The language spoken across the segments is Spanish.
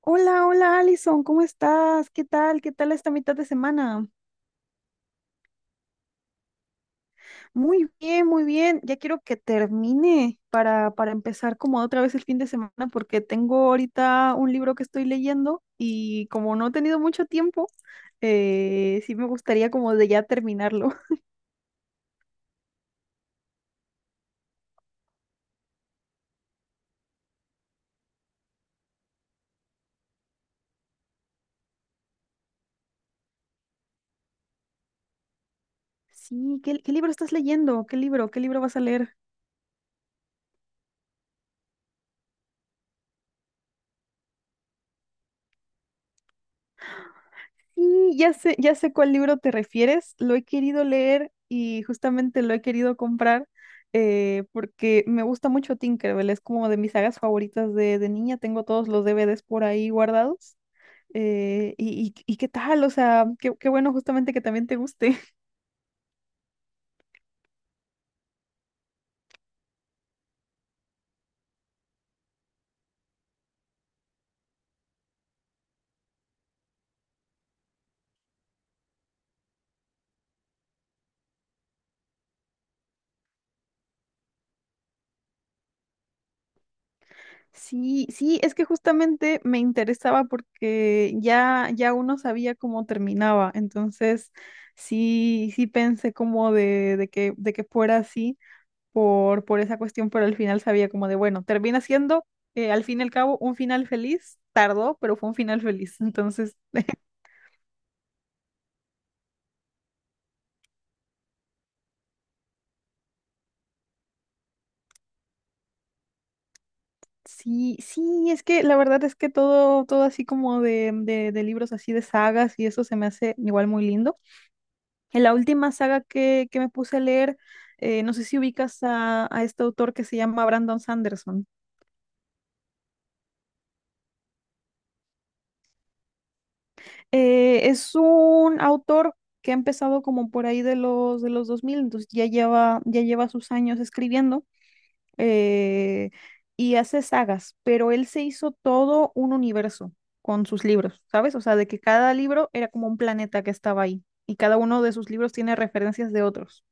Hola, hola Alison, ¿cómo estás? ¿Qué tal? ¿Qué tal esta mitad de semana? Muy bien, muy bien. Ya quiero que termine para empezar como otra vez el fin de semana porque tengo ahorita un libro que estoy leyendo y como no he tenido mucho tiempo, sí me gustaría como de ya terminarlo. Sí, ¿qué libro estás leyendo? ¿Qué libro? ¿Qué libro vas a leer? Sí, ya sé cuál libro te refieres. Lo he querido leer y justamente lo he querido comprar porque me gusta mucho Tinkerbell. Es como de mis sagas favoritas de niña. Tengo todos los DVDs por ahí guardados. Y qué tal, o sea, qué bueno justamente que también te guste. Sí, sí, es que justamente me interesaba porque ya, ya uno sabía cómo terminaba. Entonces, sí, sí pensé como de que fuera así. Por esa cuestión, pero al final sabía como de, bueno, termina siendo, al fin y al cabo, un final feliz. Tardó, pero fue un final feliz. Entonces, sí, sí, es que la verdad es que todo, todo así como de libros así de sagas y eso se me hace igual muy lindo. En la última saga que me puse a leer, no sé si ubicas a este autor que se llama Brandon Sanderson. Es un autor que ha empezado como por ahí de los dos mil. Entonces ya lleva sus años escribiendo. eh, y hace sagas, pero él se hizo todo un universo con sus libros, ¿sabes? O sea, de que cada libro era como un planeta que estaba ahí y cada uno de sus libros tiene referencias de otros.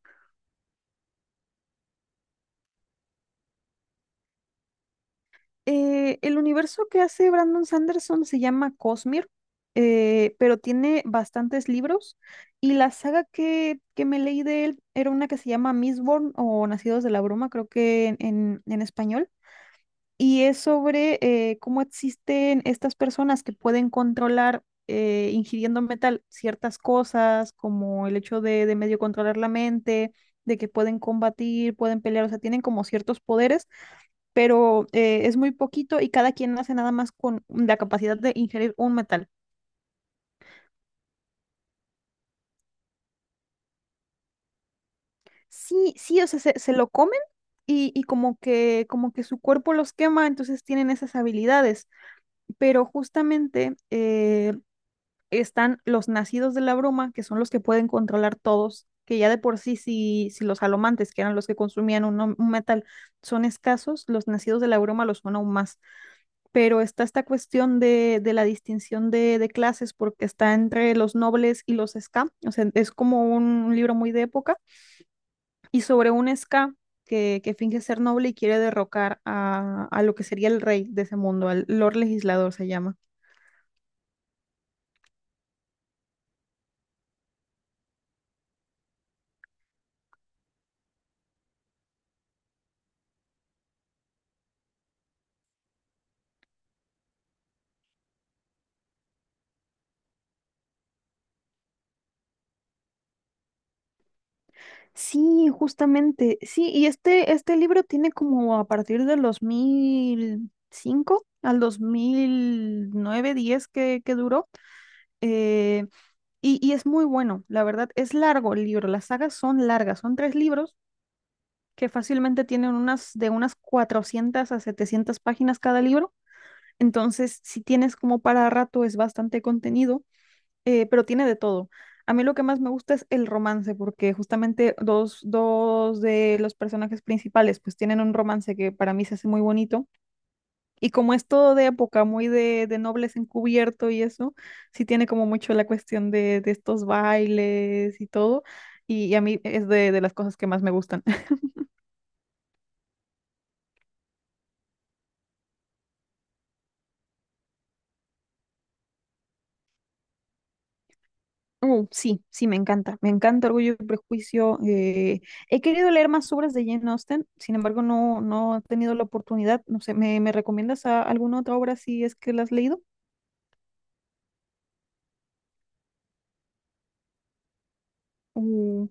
El universo que hace Brandon Sanderson se llama Cosmere, pero tiene bastantes libros y la saga que me leí de él era una que se llama Mistborn o Nacidos de la Bruma, creo que en español, y es sobre cómo existen estas personas que pueden controlar, ingiriendo metal, ciertas cosas, como el hecho de medio controlar la mente, de que pueden combatir, pueden pelear, o sea, tienen como ciertos poderes, pero es muy poquito y cada quien hace nada más con la capacidad de ingerir un metal. Sí, sí, o sea, se lo comen y como que su cuerpo los quema, entonces tienen esas habilidades, pero justamente están los nacidos de la bruma, que son los que pueden controlar todos, que ya de por sí, si, si los alomantes, que eran los que consumían un metal, son escasos, los nacidos de la bruma los son aún más. Pero está esta cuestión de la distinción clases, porque está entre los nobles y los ska, o sea, es como un libro muy de época, y sobre un ska finge ser noble y quiere derrocar a lo que sería el rey de ese mundo, al Lord Legislador se llama. Sí, justamente. Sí, y este libro tiene como a partir del 2005 al 2009 10 que duró. eh, y, y es muy bueno, la verdad. Es largo el libro. Las sagas son largas. Son tres libros que fácilmente tienen unas de unas 400 a 700 páginas cada libro. Entonces, si tienes como para rato, es bastante contenido, pero tiene de todo. A mí lo que más me gusta es el romance, porque justamente dos, dos de los personajes principales pues tienen un romance que para mí se hace muy bonito. Y como es todo de época, muy de nobles encubierto y eso, sí tiene como mucho la cuestión de estos bailes y todo. Y a mí es de las cosas que más me gustan. Sí, sí, me encanta. Me encanta Orgullo y Prejuicio. He querido leer más obras de Jane Austen, sin embargo, no, no he tenido la oportunidad. No sé, ¿me recomiendas alguna otra obra si es que la has leído? Uh,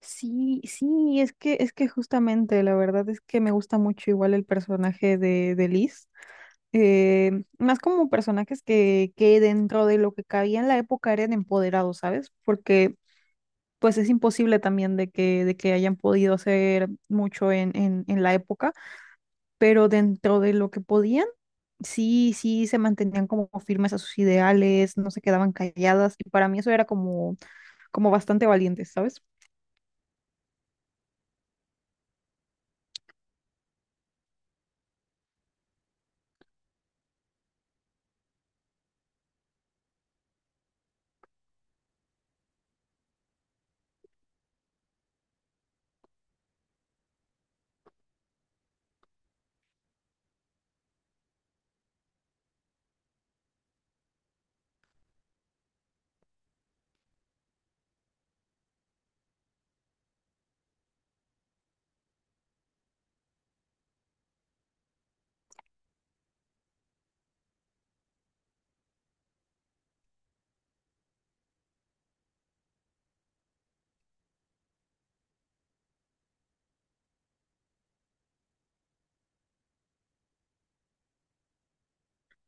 sí, sí, es que justamente la verdad es que me gusta mucho igual el personaje de Liz. Más como personajes que dentro de lo que cabía en la época eran empoderados, ¿sabes? Porque pues es imposible también de que hayan podido hacer mucho en la época, pero dentro de lo que podían, sí, sí se mantenían como firmes a sus ideales, no se quedaban calladas, y para mí eso era como, como bastante valiente, ¿sabes?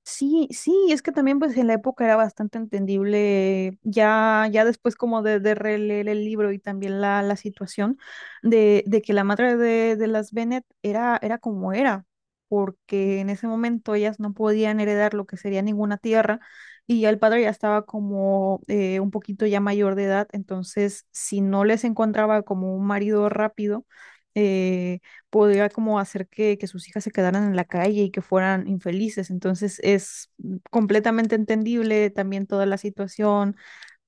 Sí, sí, es que también pues en la época era bastante entendible, ya, ya después como de releer el libro y también la situación de que la madre de las Bennet era, era como era, porque en ese momento ellas no podían heredar lo que sería ninguna tierra y ya el padre ya estaba como un poquito ya mayor de edad, entonces si no les encontraba como un marido rápido, eh, podía como hacer que sus hijas se quedaran en la calle y que fueran infelices. Entonces es completamente entendible también toda la situación,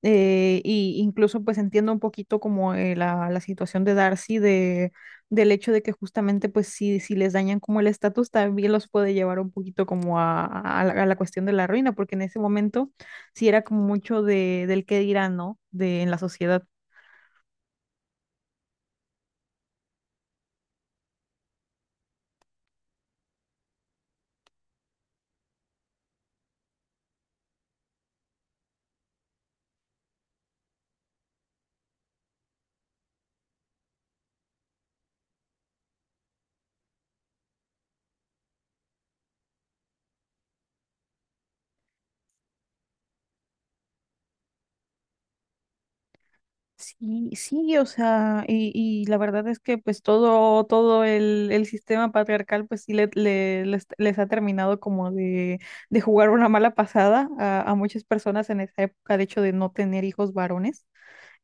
y incluso pues entiendo un poquito como la situación de Darcy, de del hecho de que justamente pues si, si les dañan como el estatus también los puede llevar un poquito como a la cuestión de la ruina, porque en ese momento sí era como mucho de, del qué dirán, ¿no?, De, en la sociedad. Sí, sí, o sea, y la verdad es que pues todo, todo el sistema patriarcal pues sí le, les ha terminado como de jugar una mala pasada a muchas personas en esa época, de hecho de no tener hijos varones,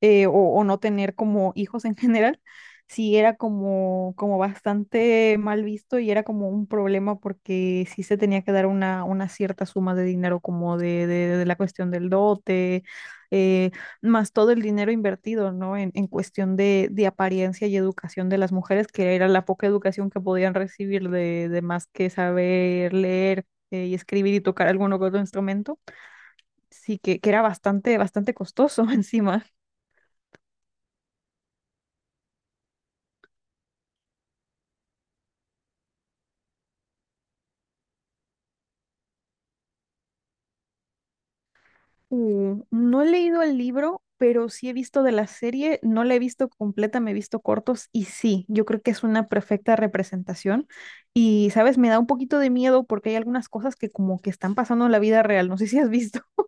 o no tener como hijos en general, sí era como, como bastante mal visto y era como un problema porque sí se tenía que dar una cierta suma de dinero como de la cuestión del dote, eh, más todo el dinero invertido, ¿no?, en cuestión de apariencia y educación de las mujeres, que era la poca educación que podían recibir de más que saber leer, y escribir y tocar alguno que otro instrumento, sí que era bastante, bastante costoso encima. No he leído el libro, pero sí he visto de la serie, no la he visto completa, me he visto cortos y sí, yo creo que es una perfecta representación. Y, sabes, me da un poquito de miedo porque hay algunas cosas que como que están pasando en la vida real, no sé si has visto.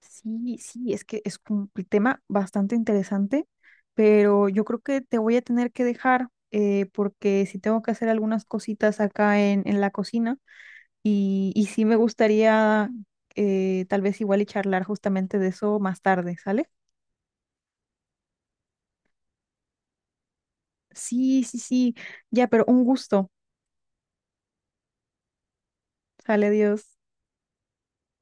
Sí, sí, es que es un tema bastante interesante, pero yo creo que te voy a tener que dejar, porque si tengo que hacer algunas cositas acá en la cocina. Y sí me gustaría, tal vez igual y charlar justamente de eso más tarde, ¿sale? Sí, sí, sí, ya, pero un gusto. Sale, Dios.